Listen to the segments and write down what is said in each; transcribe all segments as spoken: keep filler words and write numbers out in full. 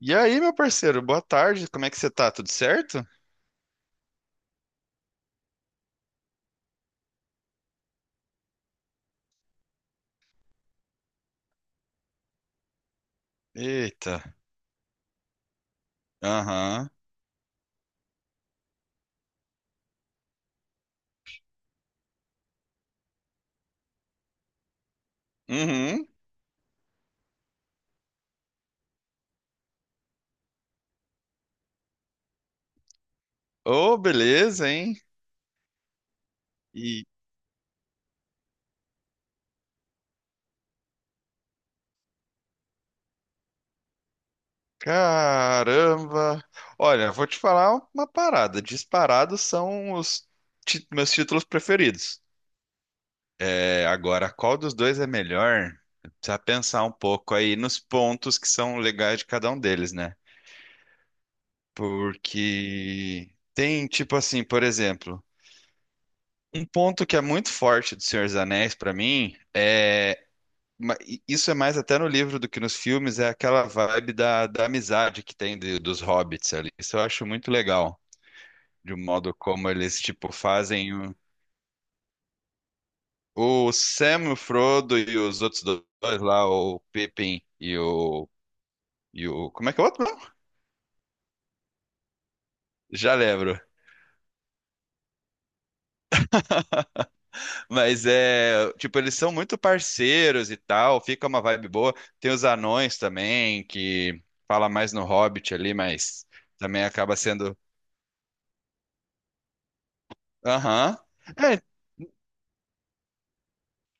E aí, meu parceiro, boa tarde. Como é que você tá? Tudo certo? Eita. Aham. Uhum. Ô, beleza, hein? E caramba. Olha, vou te falar uma parada. Disparados são os ti- meus títulos preferidos. É, agora, qual dos dois é melhor? Precisa pensar um pouco aí nos pontos que são legais de cada um deles, né? Porque tem, tipo assim, por exemplo, um ponto que é muito forte do Senhor dos Anéis pra mim é ma- i- isso é mais até no livro do que nos filmes, é aquela vibe da, da amizade que tem de- dos hobbits ali. Isso eu acho muito legal, de um modo como eles, tipo, fazem o, o Sam, o Frodo e os outros dois lá, o Pippin e o, e o... Como é que é o outro mesmo? Já lembro. Mas é, tipo, eles são muito parceiros e tal, fica uma vibe boa. Tem os anões também, que fala mais no Hobbit ali, mas também acaba sendo. Aham. É.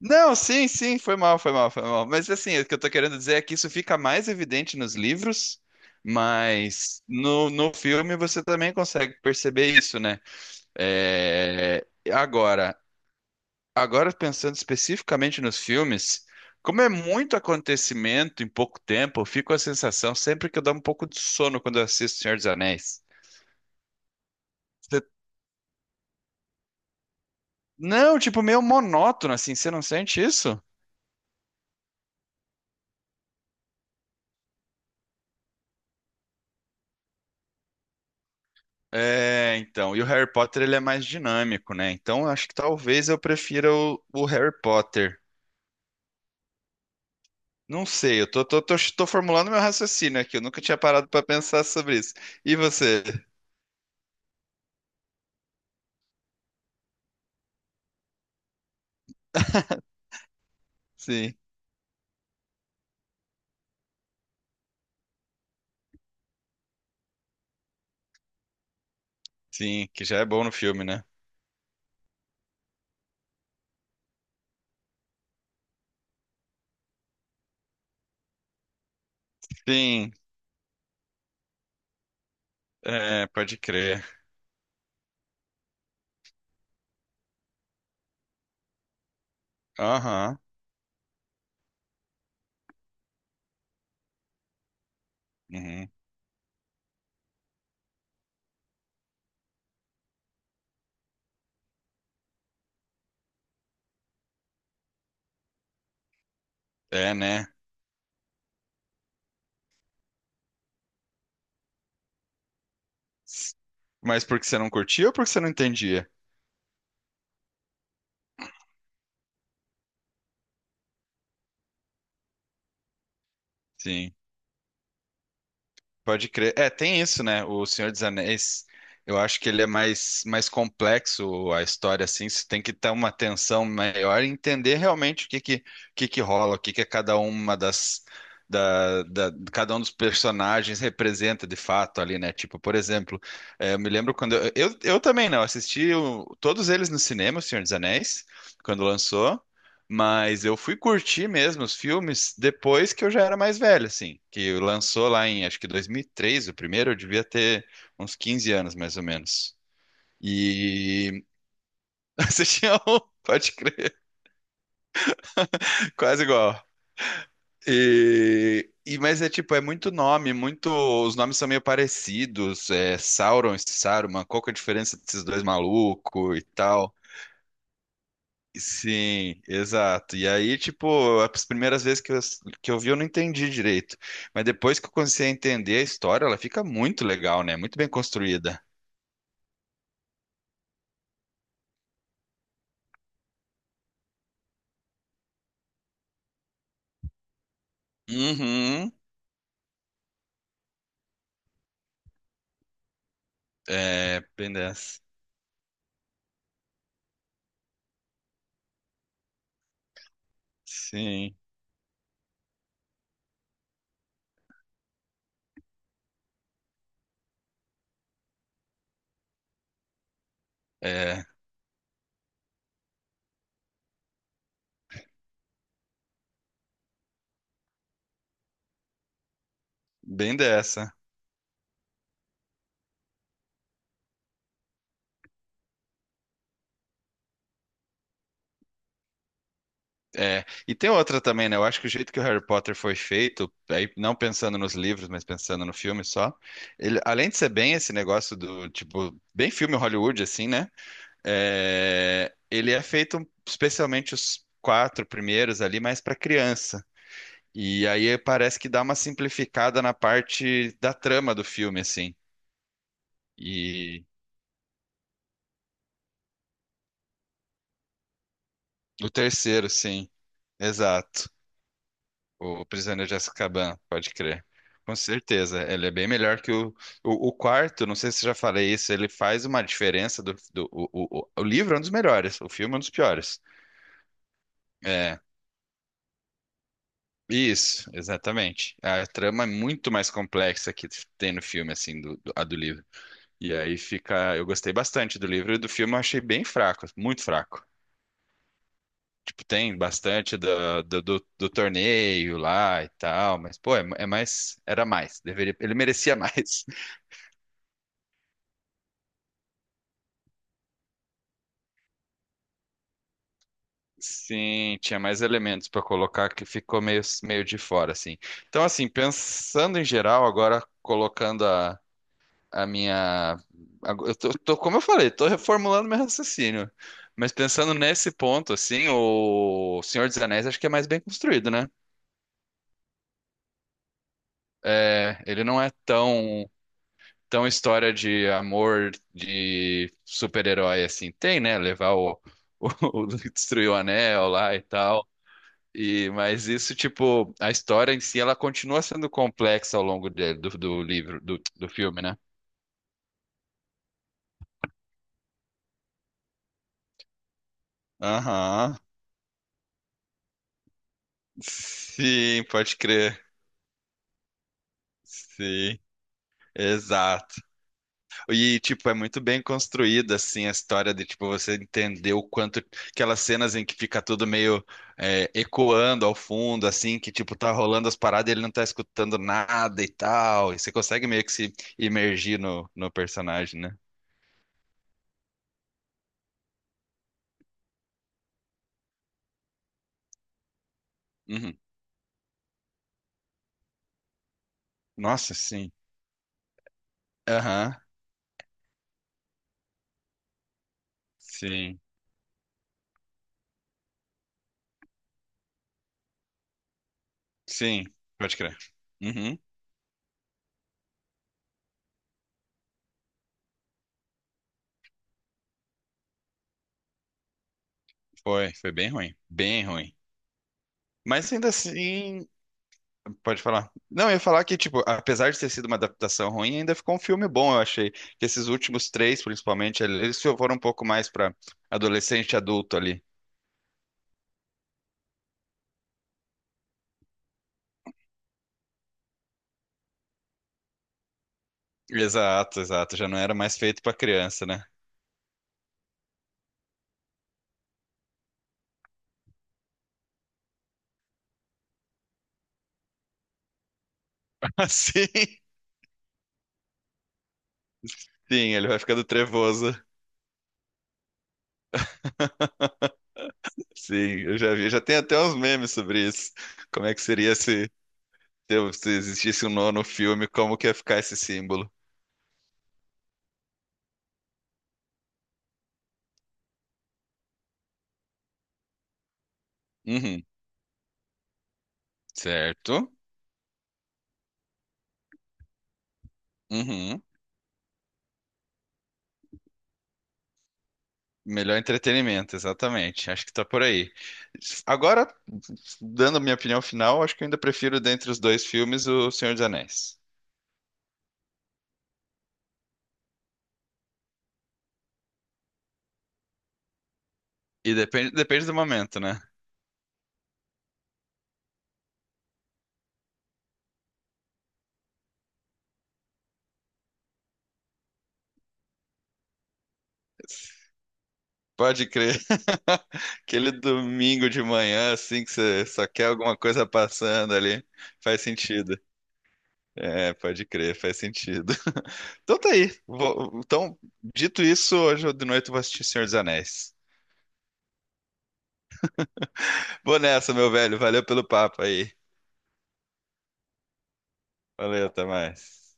Não, sim, sim, foi mal, foi mal, foi mal. Mas assim, o que eu tô querendo dizer é que isso fica mais evidente nos livros, mas no, no filme você também consegue perceber isso, né? É, agora, agora pensando especificamente nos filmes, como é muito acontecimento em pouco tempo, eu fico com a sensação sempre que eu dou um pouco de sono quando eu assisto Senhor dos Anéis. Você- Não, tipo, meio monótono, assim, você não sente isso? É, então, e o Harry Potter ele é mais dinâmico, né? Então, eu acho que talvez eu prefira o, o Harry Potter. Não sei, eu tô, tô, tô, tô formulando meu raciocínio aqui, eu nunca tinha parado pra pensar sobre isso. E você? Sim, sim, que já é bom no filme, né? Sim, é, pode crer. Aham, uhum. É, né? Mas porque você não curtia ou porque você não entendia? Sim. Pode crer. É, tem isso, né? O Senhor dos Anéis, eu acho que ele é mais, mais, complexo a história, assim. Você tem que ter uma atenção maior e entender realmente o que que, o que que rola, o que que é cada uma das, da, da- cada um dos personagens representa de fato ali, né? Tipo, por exemplo, é, eu me lembro quando eu, eu, eu também, né? Eu assisti o- todos eles no cinema, o Senhor dos Anéis, quando lançou. Mas eu fui curtir mesmo os filmes depois que eu já era mais velho, assim. Que lançou lá em, acho que dois mil e três, o primeiro, eu devia ter uns quinze anos, mais ou menos. E assistia um, pode crer, quase igual. E... e- mas é tipo, é muito nome, muito. Os nomes são meio parecidos. É Sauron e Saruman, qual que é a diferença desses dois malucos e tal? Sim, exato. E aí, tipo, as primeiras vezes que eu, que eu vi, eu não entendi direito. Mas depois que eu comecei a entender a história, ela fica muito legal, né? Muito bem construída. Uhum. É, bem dessa. Sim, é, bem dessa. É, e tem outra também, né? Eu acho que o jeito que o Harry Potter foi feito, aí não pensando nos livros, mas pensando no filme só, ele, além de ser bem esse negócio do, tipo, bem filme Hollywood, assim, né? É, ele é feito especialmente os quatro primeiros ali, mais para criança. E aí parece que dá uma simplificada na parte da trama do filme, assim. E o terceiro, sim, exato. O Prisioneiro de Azkaban, pode crer. Com certeza, ele é bem melhor que o, o, o quarto. Não sei se eu já falei isso. Ele faz uma diferença do, do o, o, o o livro é um dos melhores, o filme é um dos piores. É, isso, exatamente. A trama é muito mais complexa que tem no filme, assim, do, do- a do livro. E aí fica. Eu gostei bastante do livro e do filme eu achei bem fraco, muito fraco. Tipo, tem bastante do, do, do- do torneio lá e tal, mas, pô, é, é mais. Era mais. Deveria, ele merecia mais. Sim, tinha mais elementos pra colocar que ficou meio, meio de fora, assim. Então, assim, pensando em geral, agora colocando a minha. ago- Eu tô, tô- como eu falei, tô reformulando meu raciocínio. Mas pensando nesse ponto, assim, o Senhor dos Anéis acho que é mais bem construído, né? É, ele não é tão, tão história de amor de super-herói assim. Tem, né? Levar o, o, destruir o anel lá e tal. E, mas isso, tipo, a história em si, ela continua sendo complexa ao longo dele- do, do livro, do, do filme, né? Aham. Sim, pode crer. Sim. Exato. E, tipo, é muito bem construída, assim, a história de, tipo, você entender o quanto. Aquelas cenas em que fica tudo meio é, ecoando ao fundo, assim, que, tipo, tá rolando as paradas e ele não tá escutando nada e tal. E você consegue meio que se imergir no, no personagem, né? Uhum. Nossa, sim. Aham. Sim. Sim. Pode crer. Uhum. Foi. Foi bem ruim. Bem ruim. Mas ainda assim. Pode falar. Não, eu ia falar que, tipo, apesar de ter sido uma adaptação ruim, ainda ficou um filme bom, eu achei. Que esses últimos três, principalmente, eles foram um pouco mais pra adolescente e adulto ali. Exato, exato. Já não era mais feito pra criança, né? Assim, sim, ele vai ficando trevoso. Sim, eu já vi. Já tem até uns memes sobre isso. Como é que seria se, se se existisse um nono filme, como que ia ficar esse símbolo? Uhum, certo. Uhum. Melhor entretenimento, exatamente. Acho que tá por aí. Agora, dando a minha opinião final, acho que eu ainda prefiro dentre os dois filmes O Senhor dos Anéis. E depende, depende do momento, né? Pode crer. Aquele domingo de manhã, assim, que você só quer alguma coisa passando ali, faz sentido. É, pode crer, faz sentido. Então tá aí. Vou- então, dito isso, hoje de noite eu vou assistir Senhor dos Anéis. Vou nessa, meu velho. Valeu pelo papo aí. Valeu, até mais.